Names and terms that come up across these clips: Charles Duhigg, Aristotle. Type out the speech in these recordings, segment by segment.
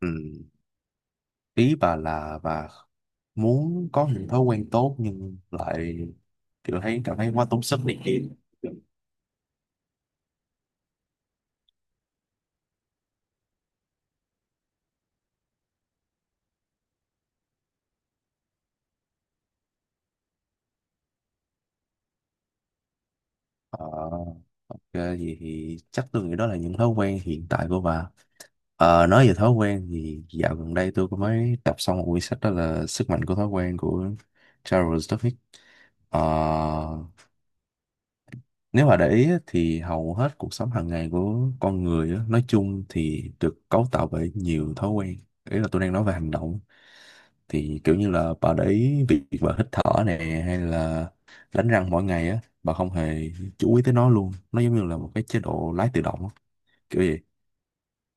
Ừ. Ý bà là bà muốn có những thói quen tốt nhưng lại kiểu cảm thấy quá tốn sức này kia. Ờ, ok, vậy thì chắc tôi nghĩ đó là những thói quen hiện tại của bà. Nói về thói quen thì dạo gần đây tôi có mới đọc xong một quyển sách đó là Sức mạnh của thói quen của Charles Duhigg. Ờ, Nếu mà để ý á, thì hầu hết cuộc sống hàng ngày của con người á, nói chung thì được cấu tạo bởi nhiều thói quen. Ý là tôi đang nói về hành động. Thì kiểu như là bà để ý việc bà hít thở nè hay là đánh răng mỗi ngày á, bà không hề chú ý tới nó luôn. Nó giống như là một cái chế độ lái tự động á, kiểu vậy,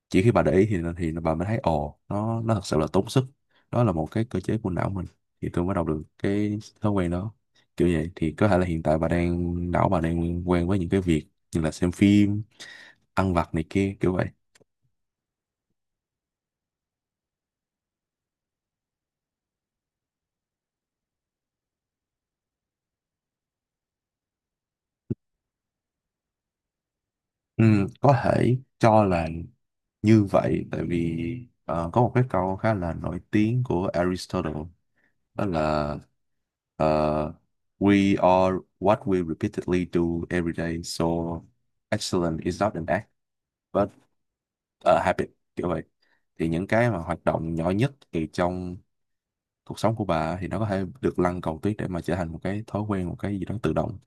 chỉ khi bà để ý thì bà mới thấy ồ nó thật sự là tốn sức, đó là một cái cơ chế của não mình thì tôi mới đọc được cái thói quen đó kiểu vậy, thì có thể là hiện tại bà đang não bà đang quen với những cái việc như là xem phim, ăn vặt này kia kiểu vậy. Ừ, có thể cho là như vậy, tại vì có một cái câu khá là nổi tiếng của Aristotle, đó là ờ, we are what we repeatedly do every day, so excellence is not an act và habit, kiểu vậy. Thì những cái mà hoạt động nhỏ nhất thì trong cuộc sống của bà thì nó có thể được lăn cầu tuyết để mà trở thành một cái thói quen, một cái gì đó tự động,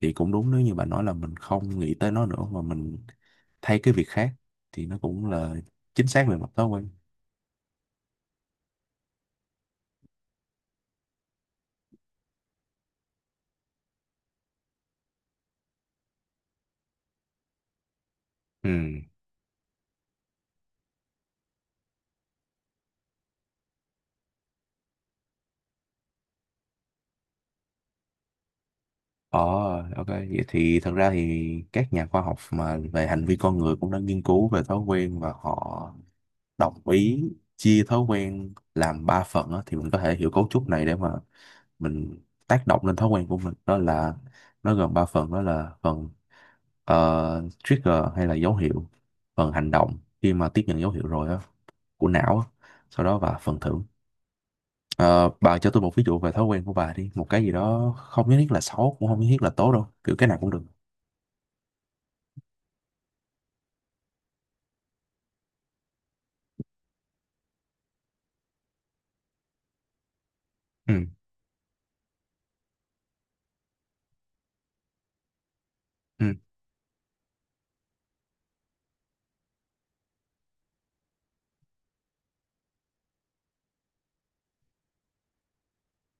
thì cũng đúng nếu như bà nói là mình không nghĩ tới nó nữa mà mình thay cái việc khác thì nó cũng là chính xác về mặt thói quen. Ừ. ờ ok, vậy thì thật ra thì các nhà khoa học mà về hành vi con người cũng đã nghiên cứu về thói quen, và họ đồng ý chia thói quen làm ba phần á, thì mình có thể hiểu cấu trúc này để mà mình tác động lên thói quen của mình, đó là nó gồm ba phần, đó là phần trigger hay là dấu hiệu, phần hành động khi mà tiếp nhận dấu hiệu rồi á của não á, sau đó, và phần thưởng. Ờ, bà cho tôi một ví dụ về thói quen của bà đi, một cái gì đó không nhất thiết là xấu cũng không nhất thiết là tốt đâu, kiểu cái nào cũng được. Ừ. Ừ.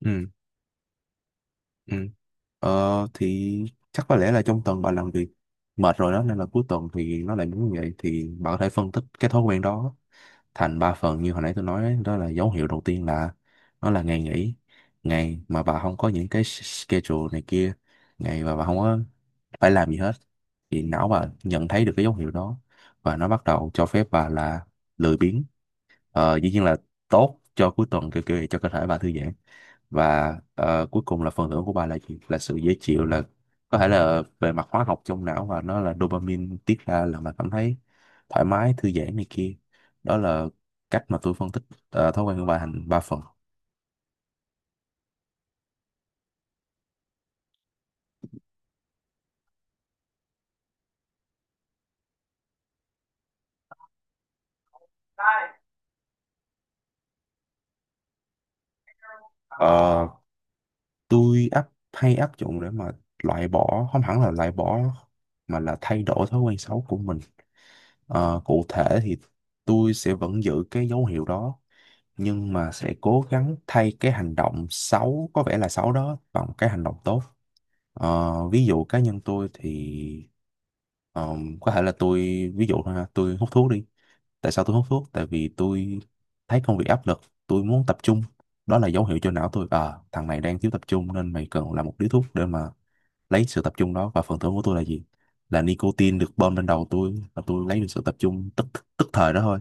Ừ. Ừ. Thì chắc có lẽ là trong tuần bà làm việc mệt rồi đó nên là cuối tuần thì nó lại muốn như vậy, thì bà có thể phân tích cái thói quen đó thành ba phần như hồi nãy tôi nói ấy, đó là dấu hiệu đầu tiên là nó là ngày nghỉ, ngày mà bà không có những cái schedule này kia, ngày mà bà không có phải làm gì hết, thì não bà nhận thấy được cái dấu hiệu đó và nó bắt đầu cho phép bà là lười biếng. Dĩ nhiên là tốt cho cuối tuần kiểu kiểu vậy, cho cơ thể bà thư giãn. Và cuối cùng là phần thưởng của bà là gì, là sự dễ chịu, là có thể là về mặt hóa học trong não, và nó là dopamine tiết ra là mà cảm thấy thoải mái thư giãn này kia. Đó là cách mà tôi phân tích thói quen của bà thành ba phần. Ờ, tôi áp dụng để mà loại bỏ, không hẳn là loại bỏ mà là thay đổi thói quen xấu của mình. Cụ thể thì tôi sẽ vẫn giữ cái dấu hiệu đó nhưng mà sẽ cố gắng thay cái hành động xấu có vẻ là xấu đó bằng cái hành động tốt. Ví dụ cá nhân tôi thì có thể là tôi, ví dụ thôi ha, tôi hút thuốc đi. Tại sao tôi hút thuốc, tại vì tôi thấy công việc áp lực, tôi muốn tập trung, đó là dấu hiệu cho não tôi à thằng này đang thiếu tập trung nên mày cần làm một điếu thuốc để mà lấy sự tập trung đó, và phần thưởng của tôi là gì, là nicotine được bơm lên đầu tôi và tôi lấy được sự tập trung tức tức thời đó thôi.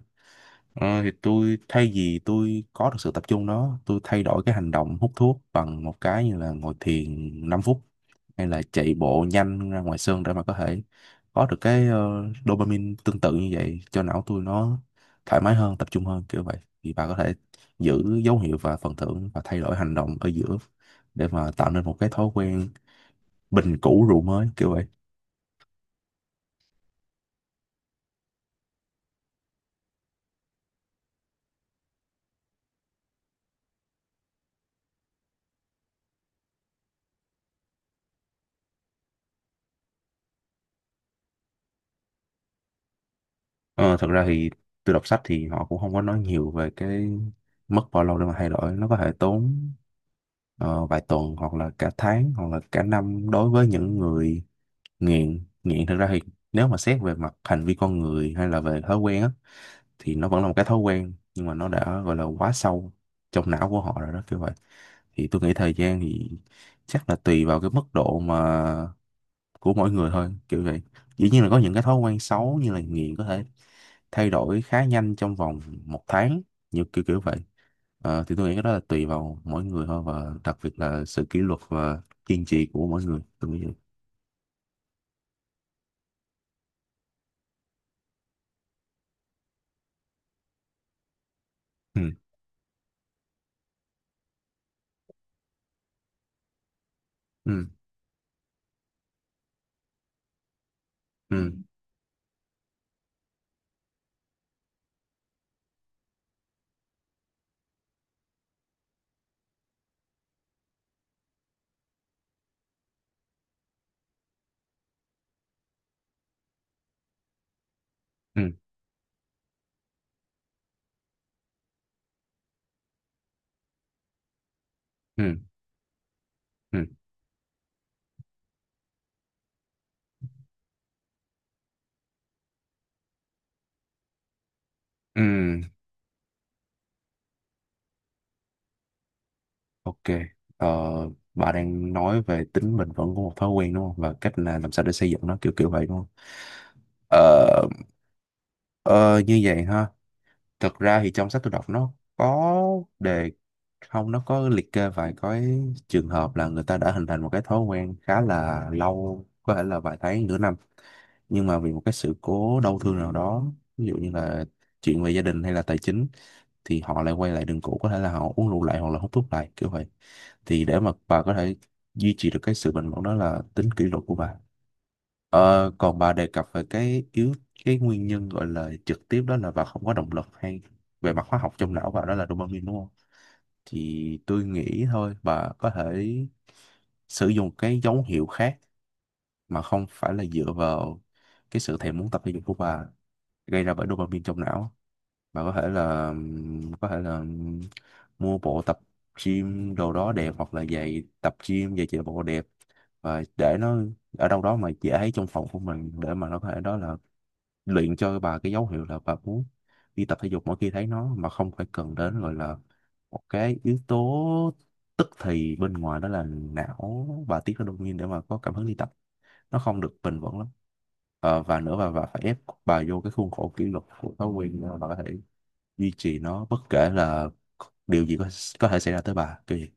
Thì tôi thay vì tôi có được sự tập trung đó, tôi thay đổi cái hành động hút thuốc bằng một cái như là ngồi thiền 5 phút hay là chạy bộ nhanh ra ngoài sân để mà có thể có được cái dopamine tương tự như vậy cho não tôi, nó thoải mái hơn, tập trung hơn kiểu vậy. Thì bà có thể giữ dấu hiệu và phần thưởng và thay đổi hành động ở giữa để mà tạo nên một cái thói quen, bình cũ rượu mới kiểu vậy. Ờ, Thật ra thì tôi đọc sách thì họ cũng không có nói nhiều về cái mất bao lâu để mà thay đổi. Nó có thể tốn vài tuần hoặc là cả tháng hoặc là cả năm đối với những người nghiện. Nghiện thật ra thì nếu mà xét về mặt hành vi con người hay là về thói quen á, thì nó vẫn là một cái thói quen nhưng mà nó đã gọi là quá sâu trong não của họ rồi đó kiểu vậy. Thì tôi nghĩ thời gian thì chắc là tùy vào cái mức độ mà của mỗi người thôi kiểu vậy, dĩ nhiên là có những cái thói quen xấu như là nghiện có thể thay đổi khá nhanh trong vòng một tháng như kiểu kiểu vậy. Thì tôi nghĩ cái đó là tùy vào mỗi người thôi, và đặc biệt là sự kỷ luật và kiên trì của mỗi người, tôi nghĩ vậy. Ừ. Ừ. Ừ. Ừ. Ừ. Ừ. Ừ. Ok, ờ, bà đang nói về tính bền vững của một thói quen đúng không, và cách là làm sao để xây dựng nó kiểu kiểu vậy đúng không. ờ, ờ, Như vậy ha, thật ra thì trong sách tôi đọc nó có đề không nó có liệt kê vài cái trường hợp là người ta đã hình thành một cái thói quen khá là lâu, có thể là vài tháng nửa năm, nhưng mà vì một cái sự cố đau thương nào đó, ví dụ như là chuyện về gia đình hay là tài chính, thì họ lại quay lại đường cũ, có thể là họ uống rượu lại hoặc là hút thuốc lại kiểu vậy. Thì để mà bà có thể duy trì được cái sự bình ổn đó là tính kỷ luật của bà. Ờ, Còn bà đề cập về cái nguyên nhân gọi là trực tiếp, đó là bà không có động lực, hay về mặt hóa học trong não bà đó là dopamine đúng không? Thì tôi nghĩ thôi bà có thể sử dụng cái dấu hiệu khác mà không phải là dựa vào cái sự thèm muốn tập thể dục của bà gây ra bởi dopamine trong não. Bà có thể là có thể là mua bộ tập gym đồ đó đẹp hoặc là giày tập gym giày chạy bộ đẹp và để nó ở đâu đó mà dễ thấy trong phòng của mình, để mà nó có thể đó là luyện cho bà cái dấu hiệu là bà muốn đi tập thể dục mỗi khi thấy nó, mà không phải cần đến gọi là một cái yếu tố tức thì bên ngoài, đó là não bà tiết ra dopamine để mà có cảm hứng đi tập, nó không được bền vững lắm. Và nữa bà phải ép bà vô cái khuôn khổ kỷ luật của thói quen để bà có thể duy trì nó bất kể là điều gì có thể xảy ra tới bà kiểu gì.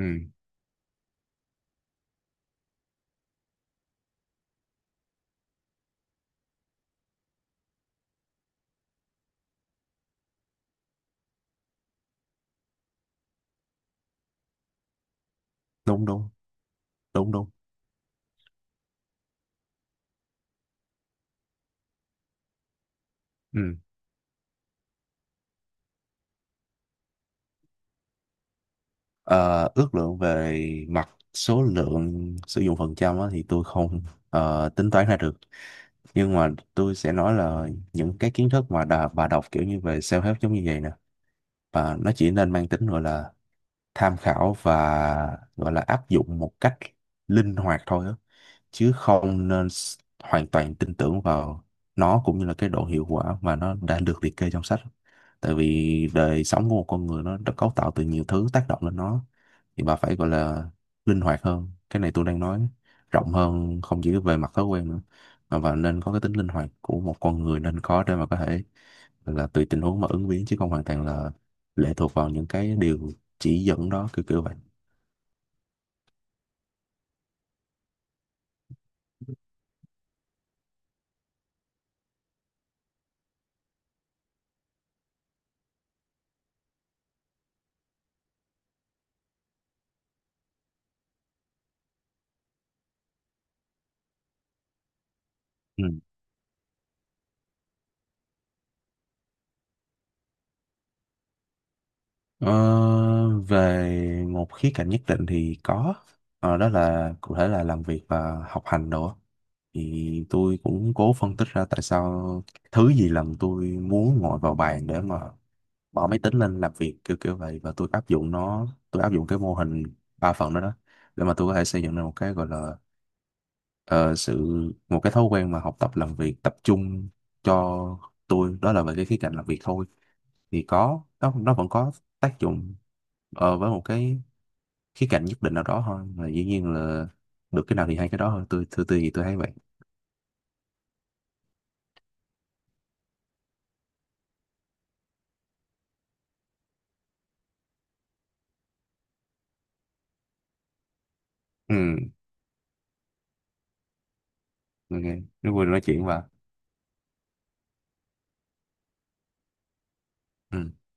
Ừ. Đúng. Đúng. Đúng. Đúng. Ừ. Ờ, Ước lượng về mặt số lượng sử dụng phần trăm á, thì tôi không tính toán ra được, nhưng mà tôi sẽ nói là những cái kiến thức mà bà đọc kiểu như về self-help giống như vậy nè, và nó chỉ nên mang tính gọi là tham khảo và gọi là áp dụng một cách linh hoạt thôi á, chứ không nên hoàn toàn tin tưởng vào nó, cũng như là cái độ hiệu quả mà nó đã được liệt kê trong sách. Tại vì đời sống của một con người nó đã cấu tạo từ nhiều thứ tác động lên nó, thì bà phải gọi là linh hoạt hơn, cái này tôi đang nói rộng hơn không chỉ về mặt thói quen nữa, mà và nên có cái tính linh hoạt của một con người nên có để mà có thể là tùy tình huống mà ứng biến, chứ không hoàn toàn là lệ thuộc vào những cái điều chỉ dẫn đó kiểu kiểu vậy. Ờ, Về một khía cạnh nhất định thì có. Đó là cụ thể là làm việc và học hành đồ á. Thì tôi cũng cố phân tích ra tại sao thứ gì làm tôi muốn ngồi vào bàn để mà bỏ máy tính lên làm việc kiểu kiểu vậy, và tôi áp dụng nó, tôi áp dụng cái mô hình ba phần đó đó, để mà tôi có thể xây dựng ra một cái gọi là ờ, sự một cái thói quen mà học tập làm việc tập trung cho tôi, đó là về cái khía cạnh làm việc thôi. Thì có, nó vẫn có tác dụng với một cái khía cạnh nhất định nào đó thôi, và dĩ nhiên là được cái nào thì hay cái đó thôi, tôi thì tôi thấy vậy. Ừ. Ok, rất vui được nói chuyện và. Ừ.